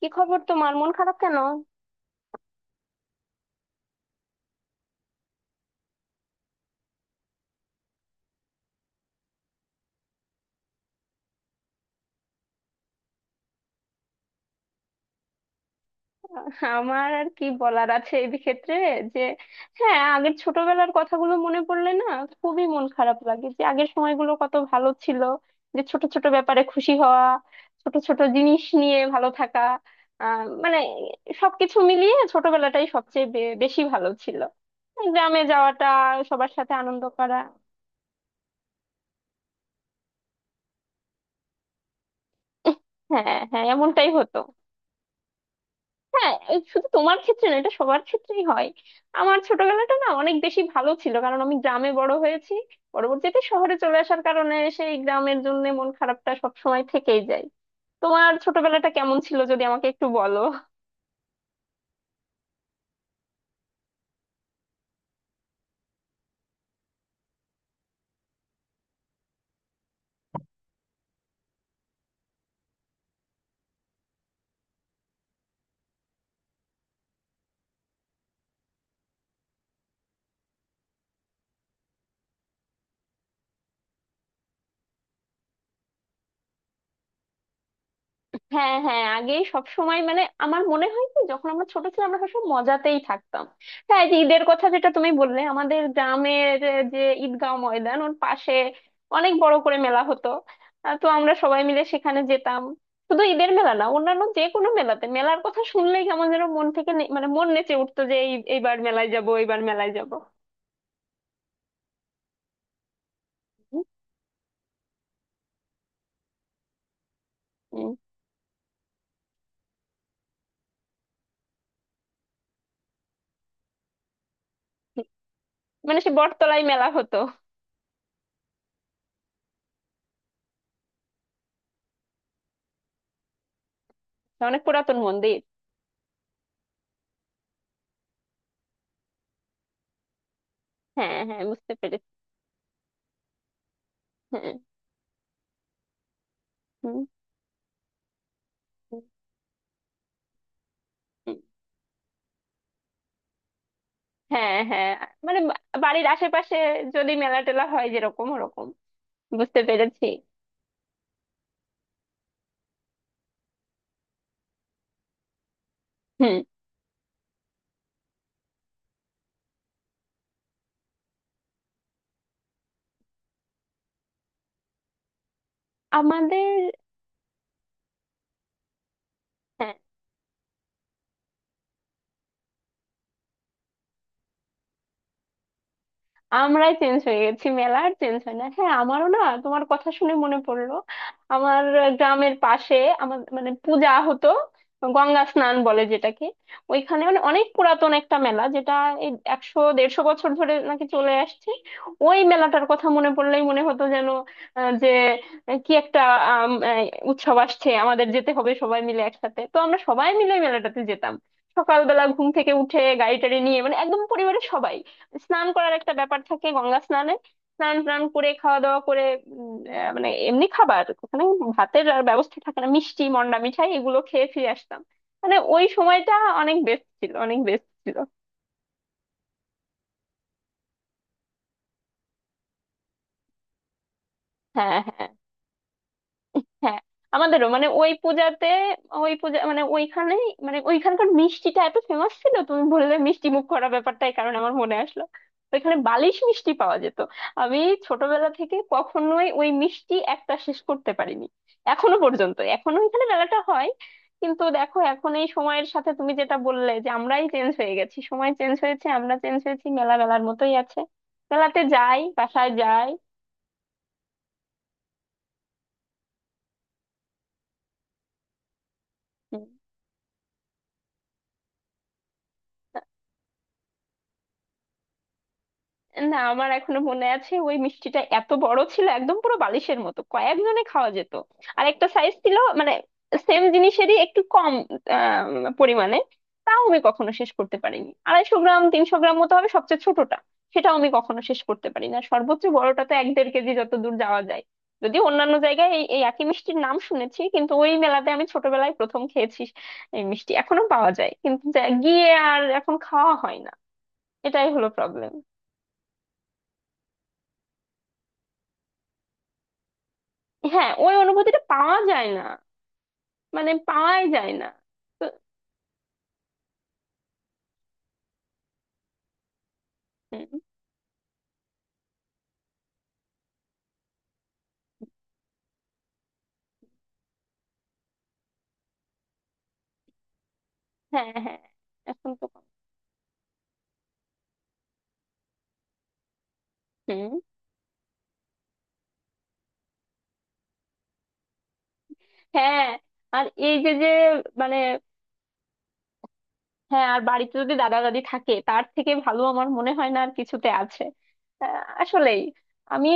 কি খবর? তোমার মন খারাপ কেন? আমার আর কি বলার আছে এই ক্ষেত্রে যে, হ্যাঁ আগের ছোটবেলার কথাগুলো মনে পড়লে না খুবই মন খারাপ লাগে যে আগের সময়গুলো কত ভালো ছিল, যে ছোট ছোট ব্যাপারে খুশি হওয়া, ছোট ছোট জিনিস নিয়ে ভালো থাকা, মানে সবকিছু মিলিয়ে ছোটবেলাটাই সবচেয়ে বেশি ভালো ছিল। গ্রামে যাওয়াটা, সবার সাথে আনন্দ করা। হ্যাঁ হ্যাঁ, এমনটাই হতো। হ্যাঁ, এই শুধু তোমার ক্ষেত্রে না, এটা সবার ক্ষেত্রেই হয়। আমার ছোটবেলাটা না অনেক বেশি ভালো ছিল, কারণ আমি গ্রামে বড় হয়েছি। পরবর্তীতে শহরে চলে আসার কারণে সেই গ্রামের জন্য মন খারাপটা সব সময় থেকেই যায়। তোমার ছোটবেলাটা কেমন ছিল যদি আমাকে একটু বলো। হ্যাঁ হ্যাঁ, আগে সব সময় মানে আমার মনে হয় কি, যখন আমরা ছোট ছিলাম আমরা সবসময় মজাতেই থাকতাম। হ্যাঁ, এই যে ঈদের কথা যেটা তুমি বললে, আমাদের গ্রামের যে ঈদগাঁও ময়দান, ওর পাশে অনেক বড় করে মেলা হতো। তো আমরা সবাই মিলে সেখানে যেতাম। শুধু ঈদের মেলা না, অন্যান্য যে কোনো মেলাতে, মেলার কথা শুনলেই কেমন যেন মন থেকে মানে মন নেচে উঠতো যে এই এইবার মেলায় যাব, এইবার মেলায় যাব। উম, মানে সে বটতলায় মেলা হতো। অনেক পুরাতন মন্দির। হ্যাঁ হ্যাঁ, বুঝতে পেরেছি। হ্যাঁ। হুম, হুম, হুম। হ্যাঁ হ্যাঁ, মানে বাড়ির আশেপাশে যদি মেলা টেলা হয় যেরকম ওরকম, বুঝতে পেরেছি। হুম। আমাদের, হ্যাঁ, আমরাই চেঞ্জ হয়ে গেছি, মেলা আর চেঞ্জ হয় না। হ্যাঁ আমারও না, তোমার কথা শুনে মনে পড়লো। আমার গ্রামের পাশে আমার মানে পূজা হতো, গঙ্গা স্নান বলে যেটাকে। ওইখানে মানে অনেক পুরাতন একটা মেলা, যেটা এই 100 150 বছর ধরে নাকি চলে আসছে। ওই মেলাটার কথা মনে পড়লেই মনে হতো যেন আহ, যে কি একটা এই উৎসব আসছে, আমাদের যেতে হবে সবাই মিলে একসাথে। তো আমরা সবাই মিলে ওই মেলাটাতে যেতাম। সকালবেলা ঘুম থেকে উঠে গাড়ি টাড়ি নিয়ে, মানে একদম পরিবারের সবাই। স্নান করার একটা ব্যাপার থাকে গঙ্গা স্নানে। স্নান টান করে খাওয়া দাওয়া করে মানে এমনি খাবার ওখানে ভাতের আর ব্যবস্থা থাকে না, মিষ্টি মন্ডা মিঠাই এগুলো খেয়ে ফিরে আসতাম। মানে ওই সময়টা অনেক বেস্ট ছিল, অনেক বেস্ট ছিল। হ্যাঁ হ্যাঁ। হ্যাঁ। আমাদেরও মানে ওই পূজাতে, ওই পূজা মানে ওইখানে, মানে ওইখানকার মিষ্টিটা এত ফেমাস ছিল, তুমি বললে মিষ্টি মুখ করা ব্যাপারটাই কারণ আমার মনে আসলো। ওইখানে বালিশ মিষ্টি পাওয়া যেত। আমি ছোটবেলা থেকে কখনোই ওই মিষ্টি একটা শেষ করতে পারিনি। এখনো পর্যন্ত এখনো ওইখানে মেলাটা হয়, কিন্তু দেখো এখন এই সময়ের সাথে তুমি যেটা বললে যে আমরাই চেঞ্জ হয়ে গেছি, সময় চেঞ্জ হয়েছে, আমরা চেঞ্জ হয়েছি, মেলা মেলার মতোই আছে। মেলাতে যাই, বাসায় যাই। না, আমার এখনো মনে আছে ওই মিষ্টিটা এত বড় ছিল, একদম পুরো বালিশের মতো, কয়েকজনে খাওয়া যেত। আর একটা সাইজ ছিল মানে সেম জিনিসেরই একটু কম পরিমাণে। তাও আমি কখনো শেষ করতে পারিনি। 250 গ্রাম 300 গ্রাম মতো হবে সবচেয়ে ছোটটা, সেটাও আমি কখনো শেষ করতে পারি না। সর্বোচ্চ বড়টা তো 1 1.5 কেজি যত দূর যাওয়া যায়। যদিও অন্যান্য জায়গায় এই এই একই মিষ্টির নাম শুনেছি, কিন্তু ওই মেলাতে আমি ছোটবেলায় প্রথম খেয়েছি। এই মিষ্টি এখনো পাওয়া যায় কিন্তু গিয়ে আর এখন খাওয়া হয় না। এটাই হলো প্রবলেম। হ্যাঁ, ওই অনুভূতিটা পাওয়া যায় না, মানে পাওয়াই যায় না। তো হুম, হ্যাঁ হ্যাঁ। এখন তো কম। হুম। হ্যাঁ, আর এই যে যে মানে, হ্যাঁ আর বাড়িতে যদি দাদা দাদি থাকে তার থেকে ভালো আমার মনে হয় না আর কিছুতে আছে। আসলেই। আমি,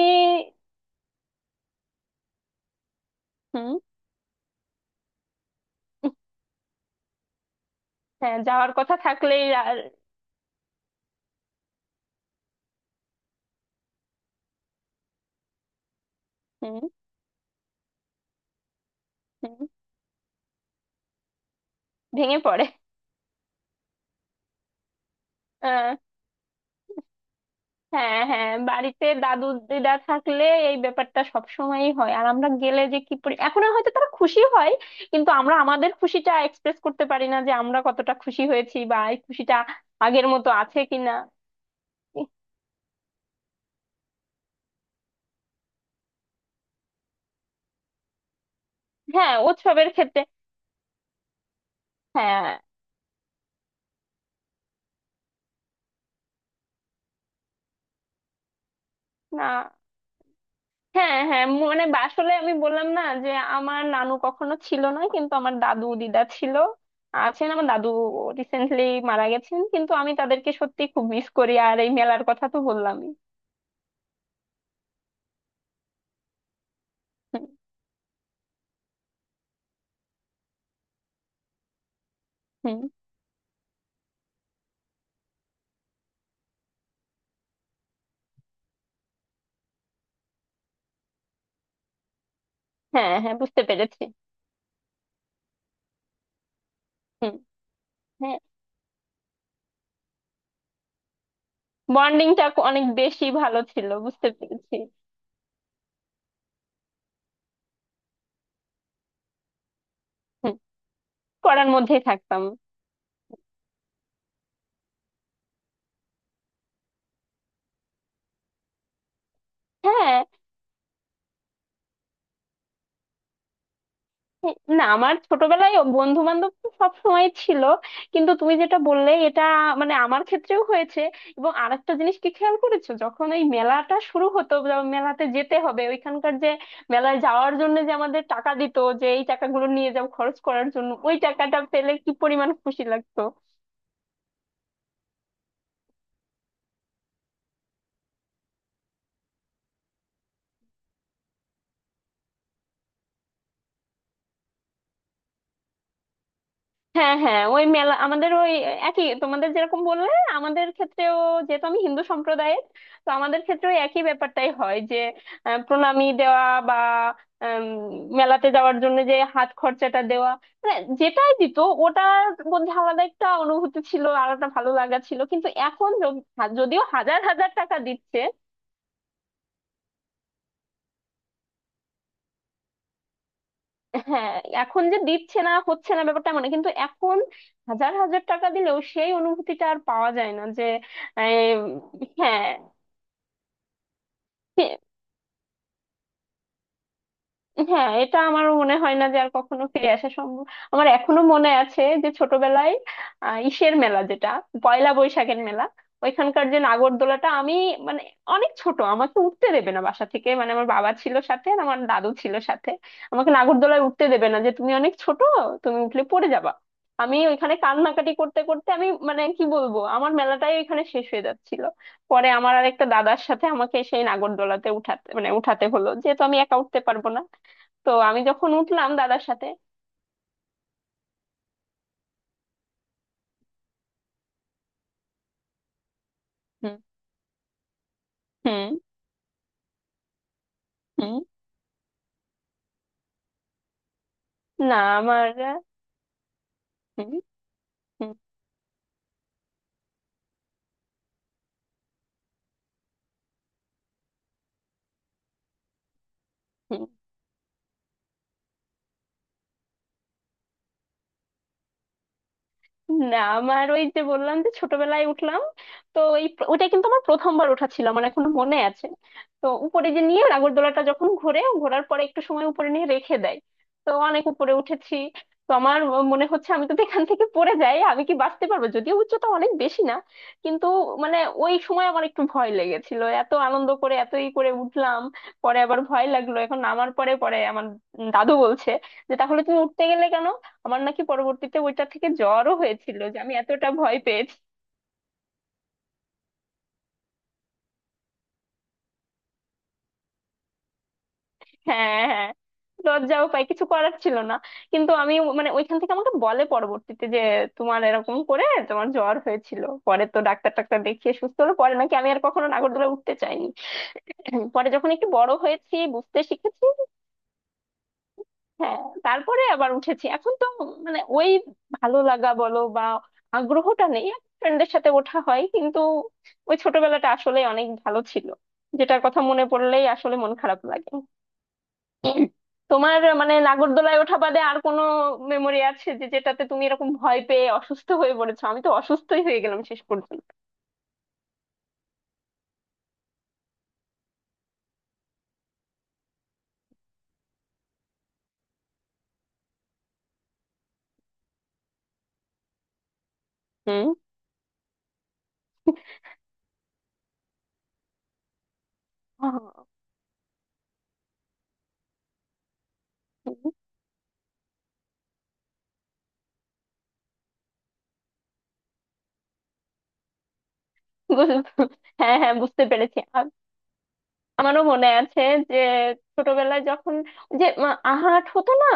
হুম, হ্যাঁ যাওয়ার কথা থাকলেই আর, হুম হুম ভেঙে পড়ে। হ্যাঁ হ্যাঁ, বাড়িতে দাদু দিদা থাকলে এই ব্যাপারটা সব সময়ই হয়। আর আমরা গেলে যে কি পরি, এখন আর হয়তো তারা খুশি হয় কিন্তু আমরা আমাদের খুশিটা এক্সপ্রেস করতে পারি না, যে আমরা কতটা খুশি হয়েছি বা এই খুশিটা আগের মতো আছে কিনা। হ্যাঁ, উৎসবের ক্ষেত্রে হ্যাঁ। না, হ্যাঁ হ্যাঁ মানে আসলে আমি বললাম না যে, আমার নানু কখনো ছিল না কিন্তু আমার দাদু দিদা ছিল। আছেন আমার দাদু, রিসেন্টলি মারা গেছেন, কিন্তু আমি তাদেরকে সত্যি খুব মিস করি, আর এই মেলার কথা তো বললামই। হুম হুম। হ্যাঁ হ্যাঁ, বুঝতে পেরেছি। হুম। হ্যাঁ, বন্ডিংটা অনেক বেশি ভালো ছিল, বুঝতে পেরেছি। হুম, পড়ার মধ্যেই থাকতাম। হ্যাঁ। না, আমার ছোটবেলায় বন্ধু বান্ধব তো সবসময় ছিল, কিন্তু তুমি যেটা বললে এটা মানে আমার ক্ষেত্রেও হয়েছে। এবং আরেকটা জিনিস কি খেয়াল করেছো, যখন এই মেলাটা শুরু হতো বা মেলাতে যেতে হবে ওইখানকার যে, মেলায় যাওয়ার জন্য যে আমাদের টাকা দিত, যে এই টাকাগুলো নিয়ে যাও খরচ করার জন্য, ওই টাকাটা পেলে কি পরিমাণ খুশি লাগতো। হ্যাঁ হ্যাঁ, ওই মেলা আমাদের ওই একই তোমাদের যেরকম বললে আমাদের ক্ষেত্রেও, যেহেতু আমি হিন্দু সম্প্রদায়ের, তো আমাদের ক্ষেত্রেও একই ব্যাপারটাই হয় যে প্রণামী দেওয়া বা আম, মেলাতে যাওয়ার জন্য যে হাত খরচাটা দেওয়া, মানে যেটাই দিত ওটার মধ্যে আলাদা একটা অনুভূতি ছিল, আলাদা ভালো লাগা ছিল। কিন্তু এখন যদিও হাজার হাজার টাকা দিচ্ছে, হ্যাঁ এখন যে দিচ্ছে না হচ্ছে না ব্যাপারটা মানে, কিন্তু এখন হাজার হাজার টাকা দিলেও সেই অনুভূতিটা আর পাওয়া যায় না, যে আহ, হ্যাঁ হ্যাঁ, এটা আমারও মনে হয় না যে আর কখনো ফিরে আসা সম্ভব। আমার এখনো মনে আছে যে ছোটবেলায় ইসের মেলা যেটা, পয়লা বৈশাখের মেলা, ওইখানকার যে নাগরদোলাটা, আমি মানে অনেক ছোট, আমাকে উঠতে দেবে না বাসা থেকে, মানে আমার বাবা ছিল সাথে আর আমার দাদু ছিল সাথে। আমাকে নাগরদোলায় উঠতে দেবে না, যে তুমি অনেক ছোট, তুমি উঠলে পড়ে যাবা। আমি ওইখানে কান্নাকাটি করতে করতে, আমি মানে কি বলবো আমার মেলাটাই ওইখানে শেষ হয়ে যাচ্ছিল। পরে আমার আর একটা দাদার সাথে আমাকে সেই নাগরদোলাতে উঠাতে, মানে উঠাতে হলো, যেহেতু আমি একা উঠতে পারবো না। তো আমি যখন উঠলাম দাদার সাথে, হুম হুম হুম না আমার হুম হুম হুম না আমার ওই যে বললাম যে ছোটবেলায় উঠলাম, তো ওই ওটা কিন্তু আমার প্রথমবার ওঠা ছিল, আমার এখনো মনে আছে। তো উপরে যে নিয়ে নাগরদোলাটা যখন ঘোরে, ঘোরার পরে একটু সময় উপরে নিয়ে রেখে দেয়। তো অনেক উপরে উঠেছি, তো আমার মনে হচ্ছে আমি যদি এখান থেকে পড়ে যাই আমি কি বাঁচতে পারবো, যদিও উচ্চতা অনেক বেশি না, কিন্তু মানে ওই সময় আমার একটু ভয় লেগেছিল। এত আনন্দ করে এতই করে উঠলাম, পরে আবার ভয় লাগলো এখন নামার পরে। পরে আমার দাদু বলছে যে তাহলে তুমি উঠতে গেলে কেন। আমার নাকি পরবর্তীতে ওইটা থেকে জ্বরও হয়েছিল, যে আমি এতটা ভয় পেয়েছি। হ্যাঁ হ্যাঁ, লজ্জাও পাই, কিছু করার ছিল না। কিন্তু আমি মানে ওইখান থেকে আমাকে বলে পরবর্তীতে যে তোমার এরকম করে তোমার জ্বর হয়েছিল, পরে তো ডাক্তার টাক্তার দেখিয়ে সুস্থ হলো, পরে নাকি আমি আর কখনো নাগরদোলা উঠতে চাইনি। পরে যখন একটু বড় হয়েছি বুঝতে শিখেছি, হ্যাঁ, তারপরে আবার উঠেছি। এখন তো মানে ওই ভালো লাগা বলো বা আগ্রহটা নেই, ফ্রেন্ডের সাথে ওঠা হয়, কিন্তু ওই ছোটবেলাটা আসলে অনেক ভালো ছিল, যেটার কথা মনে পড়লেই আসলে মন খারাপ লাগে। তোমার মানে নাগরদোলায় ওঠা বাদে আর কোনো মেমোরি আছে যে যেটাতে তুমি এরকম ভয় পেয়ে অসুস্থ হয়ে পড়েছো? আমি তো অসুস্থই হয়ে গেলাম শেষ পর্যন্ত। হুম আহ, বুঝ- হ্যাঁ হ্যাঁ, বুঝতে পেরেছি। আমারও মনে আছে যে ছোটবেলায় যখন যে আহাট হতো না,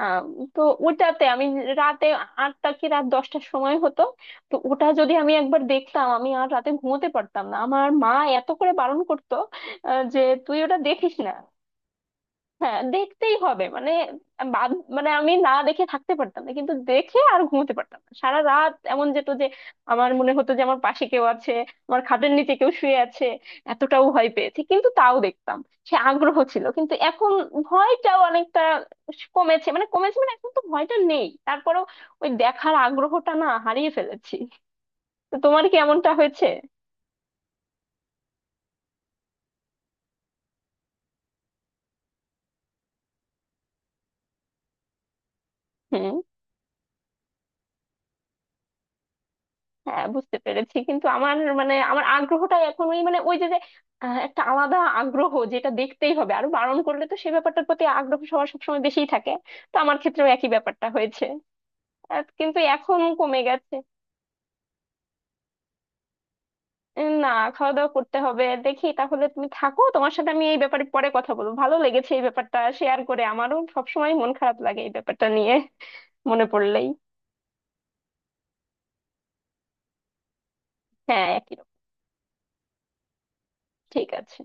আম, তো ওটাতে আমি রাতে 8টা কি রাত 10টার সময় হতো। তো ওটা যদি আমি একবার দেখতাম আমি আর রাতে ঘুমোতে পারতাম না। আমার মা এত করে বারণ করতো যে তুই ওটা দেখিস না। হ্যাঁ দেখতেই হবে, মানে বাদ মানে আমি না দেখে থাকতে পারতাম না, কিন্তু দেখে আর ঘুমোতে পারতাম না। সারা রাত এমন যেত যে আমার মনে হতো যে আমার পাশে কেউ আছে, আমার খাটের নিচে কেউ শুয়ে আছে। এতটাও ভয় পেয়েছি কিন্তু তাও দেখতাম, সে আগ্রহ ছিল। কিন্তু এখন ভয়টাও অনেকটা কমেছে, মানে কমেছে মানে এখন তো ভয়টা নেই, তারপরেও ওই দেখার আগ্রহটা না হারিয়ে ফেলেছি। তো তোমার কি এমনটা হয়েছে? হুম। হ্যাঁ বুঝতে পেরেছি, কিন্তু আমার মানে আমার আগ্রহটা এখন ওই মানে ওই যে যে একটা আলাদা আগ্রহ, যেটা দেখতেই হবে, আরো বারণ করলে তো সে ব্যাপারটার প্রতি আগ্রহ সবার সবসময় বেশিই থাকে। তো আমার ক্ষেত্রেও একই ব্যাপারটা হয়েছে, আর কিন্তু এখন কমে গেছে। না, খাওয়া দাওয়া করতে হবে দেখি, তাহলে তুমি থাকো, তোমার সাথে আমি এই ব্যাপারে পরে কথা বলবো, ভালো লেগেছে এই ব্যাপারটা শেয়ার করে, আমারও সবসময় মন খারাপ লাগে এই ব্যাপারটা নিয়ে মনে পড়লেই। হ্যাঁ একই রকম। ঠিক আছে।